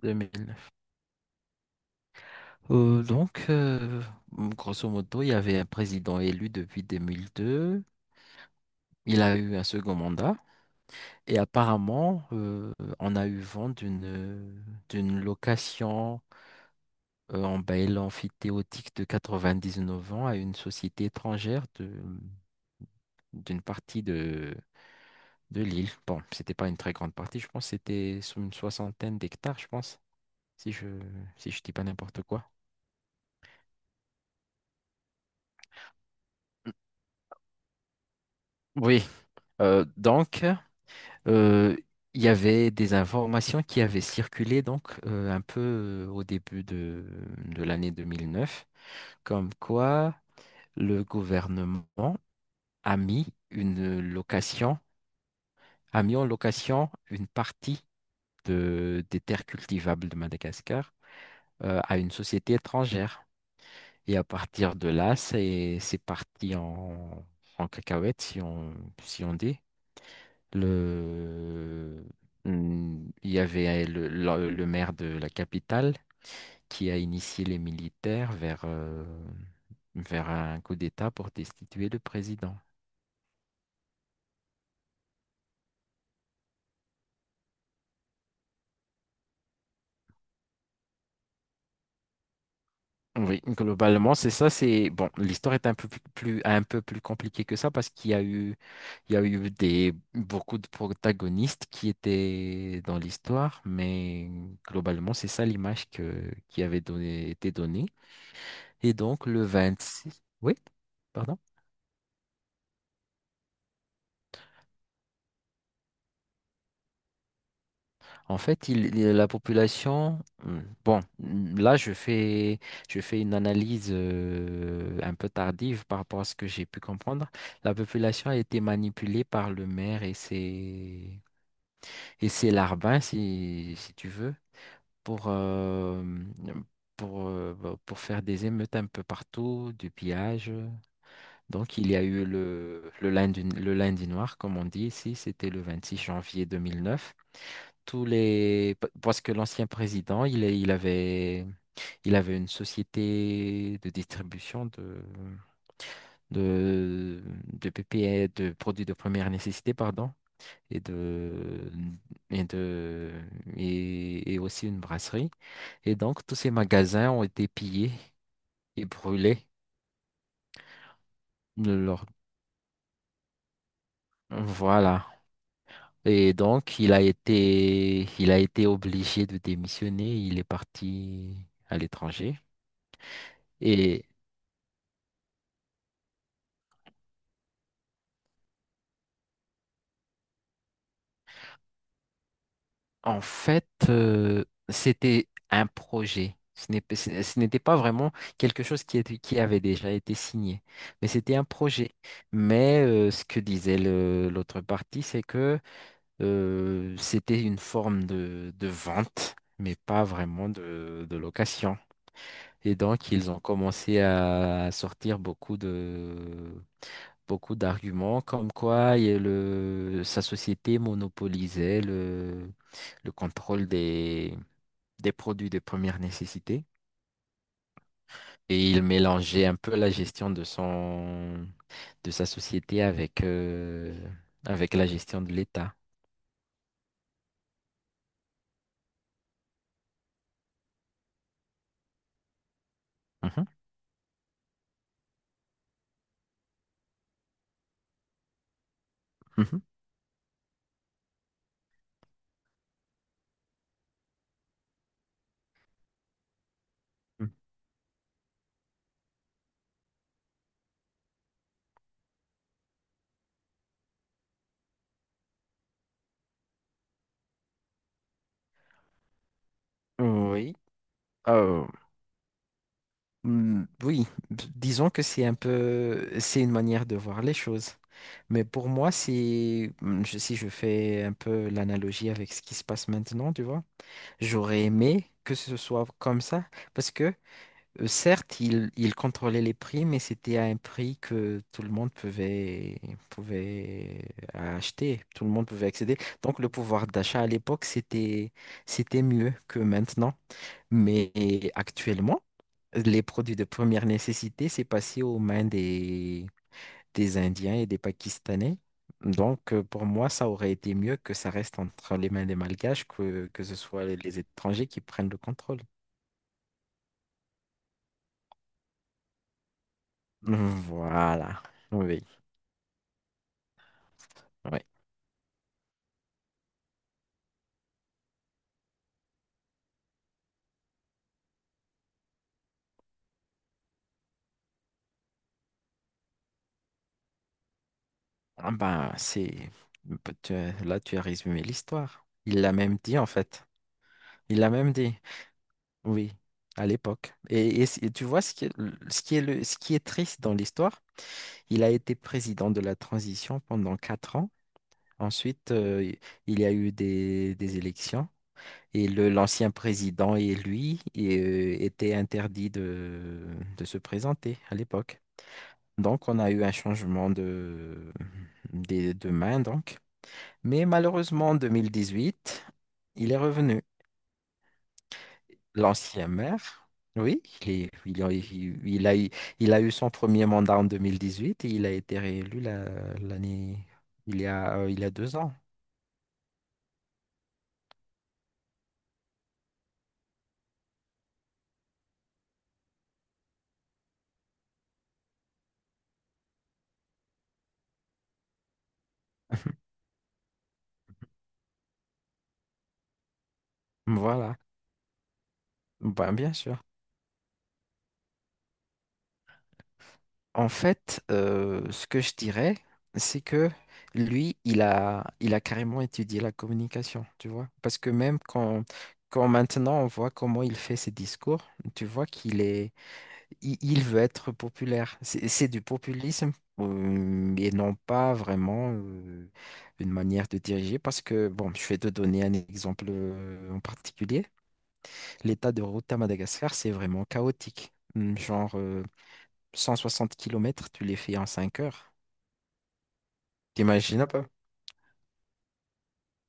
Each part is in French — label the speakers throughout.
Speaker 1: 2009. Donc, grosso modo, il y avait un président élu depuis 2002. Il a eu un second mandat. Et apparemment, on a eu vent d'une location en bail amphithéotique de 99 ans à une société étrangère de d'une partie de l'île. Bon, c'était pas une très grande partie, je pense que c'était sous une soixantaine d'hectares, je pense, si je si je dis pas n'importe quoi. Oui, donc. Euh, il y avait des informations qui avaient circulé donc, un peu, au début de l'année 2009, comme quoi le gouvernement a mis une location, a mis en location une partie des terres cultivables de Madagascar, à une société étrangère. Et à partir de là, c'est parti en cacahuète, si on dit. Le... Il y avait le maire de la capitale qui a initié les militaires vers un coup d'État pour destituer le président. Oui, globalement, c'est ça. C'est bon, l'histoire est un peu un peu plus compliquée que ça parce qu'il y a eu des beaucoup de protagonistes qui étaient dans l'histoire, mais globalement, c'est ça l'image que qui avait été donnée. Et donc le 26. Oui, pardon. En fait, la population. Hmm. Bon, je fais une analyse, un peu tardive par rapport à ce que j'ai pu comprendre. La population a été manipulée par le maire et ses larbins, si tu veux, pour, euh, pour faire des émeutes un peu partout, du pillage. Donc il y a eu le lundi noir, comme on dit ici, c'était le 26 janvier 2009. Parce que l'ancien président, il avait une société de distribution de de PPE, de produits de première nécessité, pardon, et de et de et aussi une brasserie. Et donc tous ces magasins ont été pillés et brûlés. Leur- voilà. Et donc il a été obligé de démissionner. Il est parti à l'étranger. Et En fait, c'était un projet. Ce n'était pas vraiment quelque chose qui avait déjà été signé, mais c'était un projet. Mais, ce que disait l'autre partie, c'est que, c'était une forme de vente, mais pas vraiment de location. Et donc, ils ont commencé à sortir beaucoup d'arguments comme quoi il y a le, sa société monopolisait le contrôle des produits de première nécessité. Et il mélangeait un peu la gestion de sa société avec la gestion de l'État. Mhm, mhm. Oui. Hmm, oui, disons que c'est un peu, c'est une manière de voir les choses. Mais pour moi, si je fais un peu l'analogie avec ce qui se passe maintenant, tu vois, j'aurais aimé que ce soit comme ça, parce que, certes, ils il contrôlait les prix, mais c'était à un prix que tout le monde pouvait acheter, tout le monde pouvait accéder. Donc le pouvoir d'achat à l'époque, c'était mieux que maintenant. Mais actuellement, les produits de première nécessité, c'est passé aux mains des Indiens et des Pakistanais. Donc, pour moi, ça aurait été mieux que ça reste entre les mains des Malgaches que ce soit les étrangers qui prennent le contrôle. Voilà. Oui, oui. Ah ben, c'est... Là, tu as résumé l'histoire. Il l'a même dit, en fait. Il l'a même dit, oui, à l'époque. Et tu vois, ce qui est triste dans l'histoire, il a été président de la transition pendant 4 ans. Ensuite, il y a eu des élections. Et l'ancien président et lui étaient interdits de se présenter à l'époque. Donc, on a eu un changement de main, donc. Mais malheureusement, en 2018, il est revenu. L'ancien maire, oui, il a eu son premier mandat en 2018 et il a été réélu l'année, il y a 2 ans. Voilà, ben, bien sûr. En fait, ce que je dirais, c'est que lui, il a carrément étudié la communication, tu vois. Parce que quand maintenant on voit comment il fait ses discours, tu vois il veut être populaire. C'est du populisme, et non pas vraiment, une manière de diriger. Parce que, bon, je vais te donner un exemple, en particulier. L'état de route à Madagascar, c'est vraiment chaotique. Genre, 160 kilomètres, tu les fais en 5 heures. T'imagines un peu?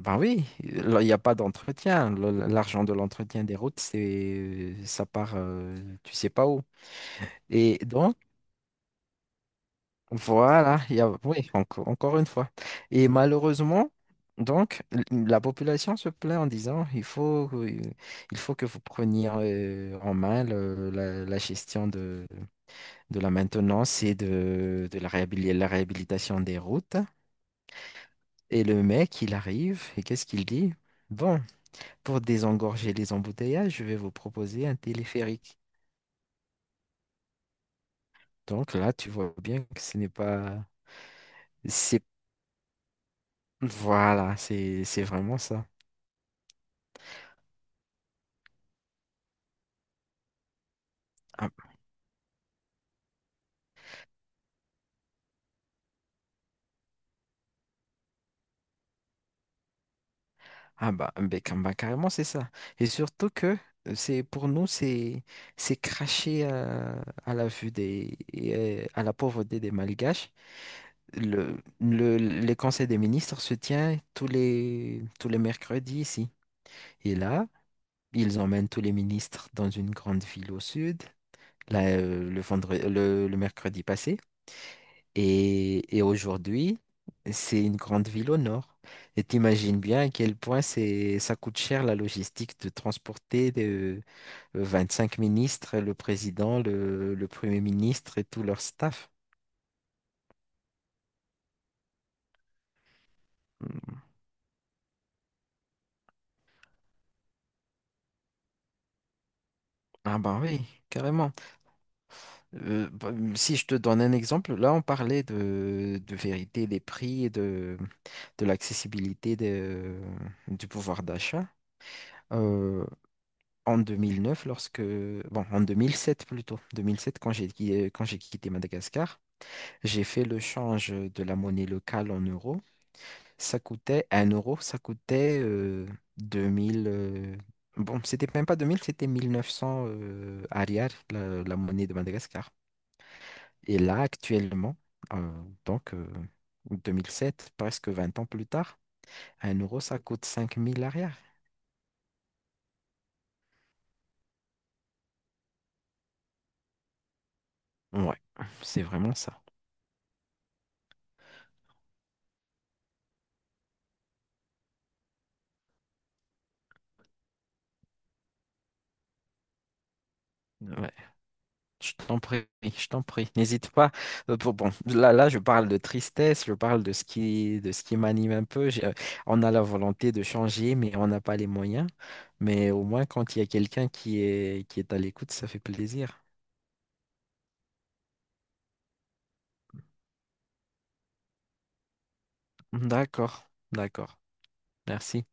Speaker 1: Ben oui, là, il n'y a pas d'entretien. L'argent de l'entretien des routes, c'est ça part, tu sais pas où. Et donc... Voilà, il y a, oui, encore une fois. Et malheureusement, donc, la population se plaint en disant, il faut que vous preniez, en main la gestion de la maintenance de la la réhabilitation des routes. Et le mec, il arrive, et qu'est-ce qu'il dit? Bon, pour désengorger les embouteillages, je vais vous proposer un téléphérique. Donc là, tu vois bien que ce n'est pas... C'est... Voilà, c'est vraiment ça. Ah, ah bah, ben, bah, carrément c'est ça. Et surtout que, c'est pour nous c'est cracher, à la pauvreté des Malgaches. Le Les conseils des ministres se tient tous les mercredis ici. Et là, ils emmènent tous les ministres dans une grande ville au sud. Là, le mercredi passé. Et aujourd'hui, c'est une grande ville au nord. Et t'imagines bien à quel point ça coûte cher la logistique de transporter de 25 ministres, le président, le premier ministre et tout leur staff. Ah ben oui, carrément. Bah, si je te donne un exemple, là on parlait de vérité des prix de l'accessibilité du pouvoir d'achat. Euh, En 2009, lorsque... Bon, en 2007 plutôt. 2007, quand j'ai quand j'ai quitté Madagascar, j'ai fait le change de la monnaie locale en euros. Ça coûtait un euro, ça coûtait, 2 000. Bon, c'était même pas 2 000, c'était 1900, arrière, la monnaie de Madagascar. Et là, actuellement, euh, donc, 2007, presque 20 ans plus tard, un euro, ça coûte 5 000 arrière. Ouais, c'est vraiment ça. Ouais. Je t'en prie, je t'en prie. N'hésite pas. Bon, bon, là, je parle de tristesse, je parle de ce qui m'anime un peu. On a la volonté de changer, mais on n'a pas les moyens. Mais au moins, quand il y a qui est à l'écoute, ça fait plaisir. D'accord, d'accord. Merci.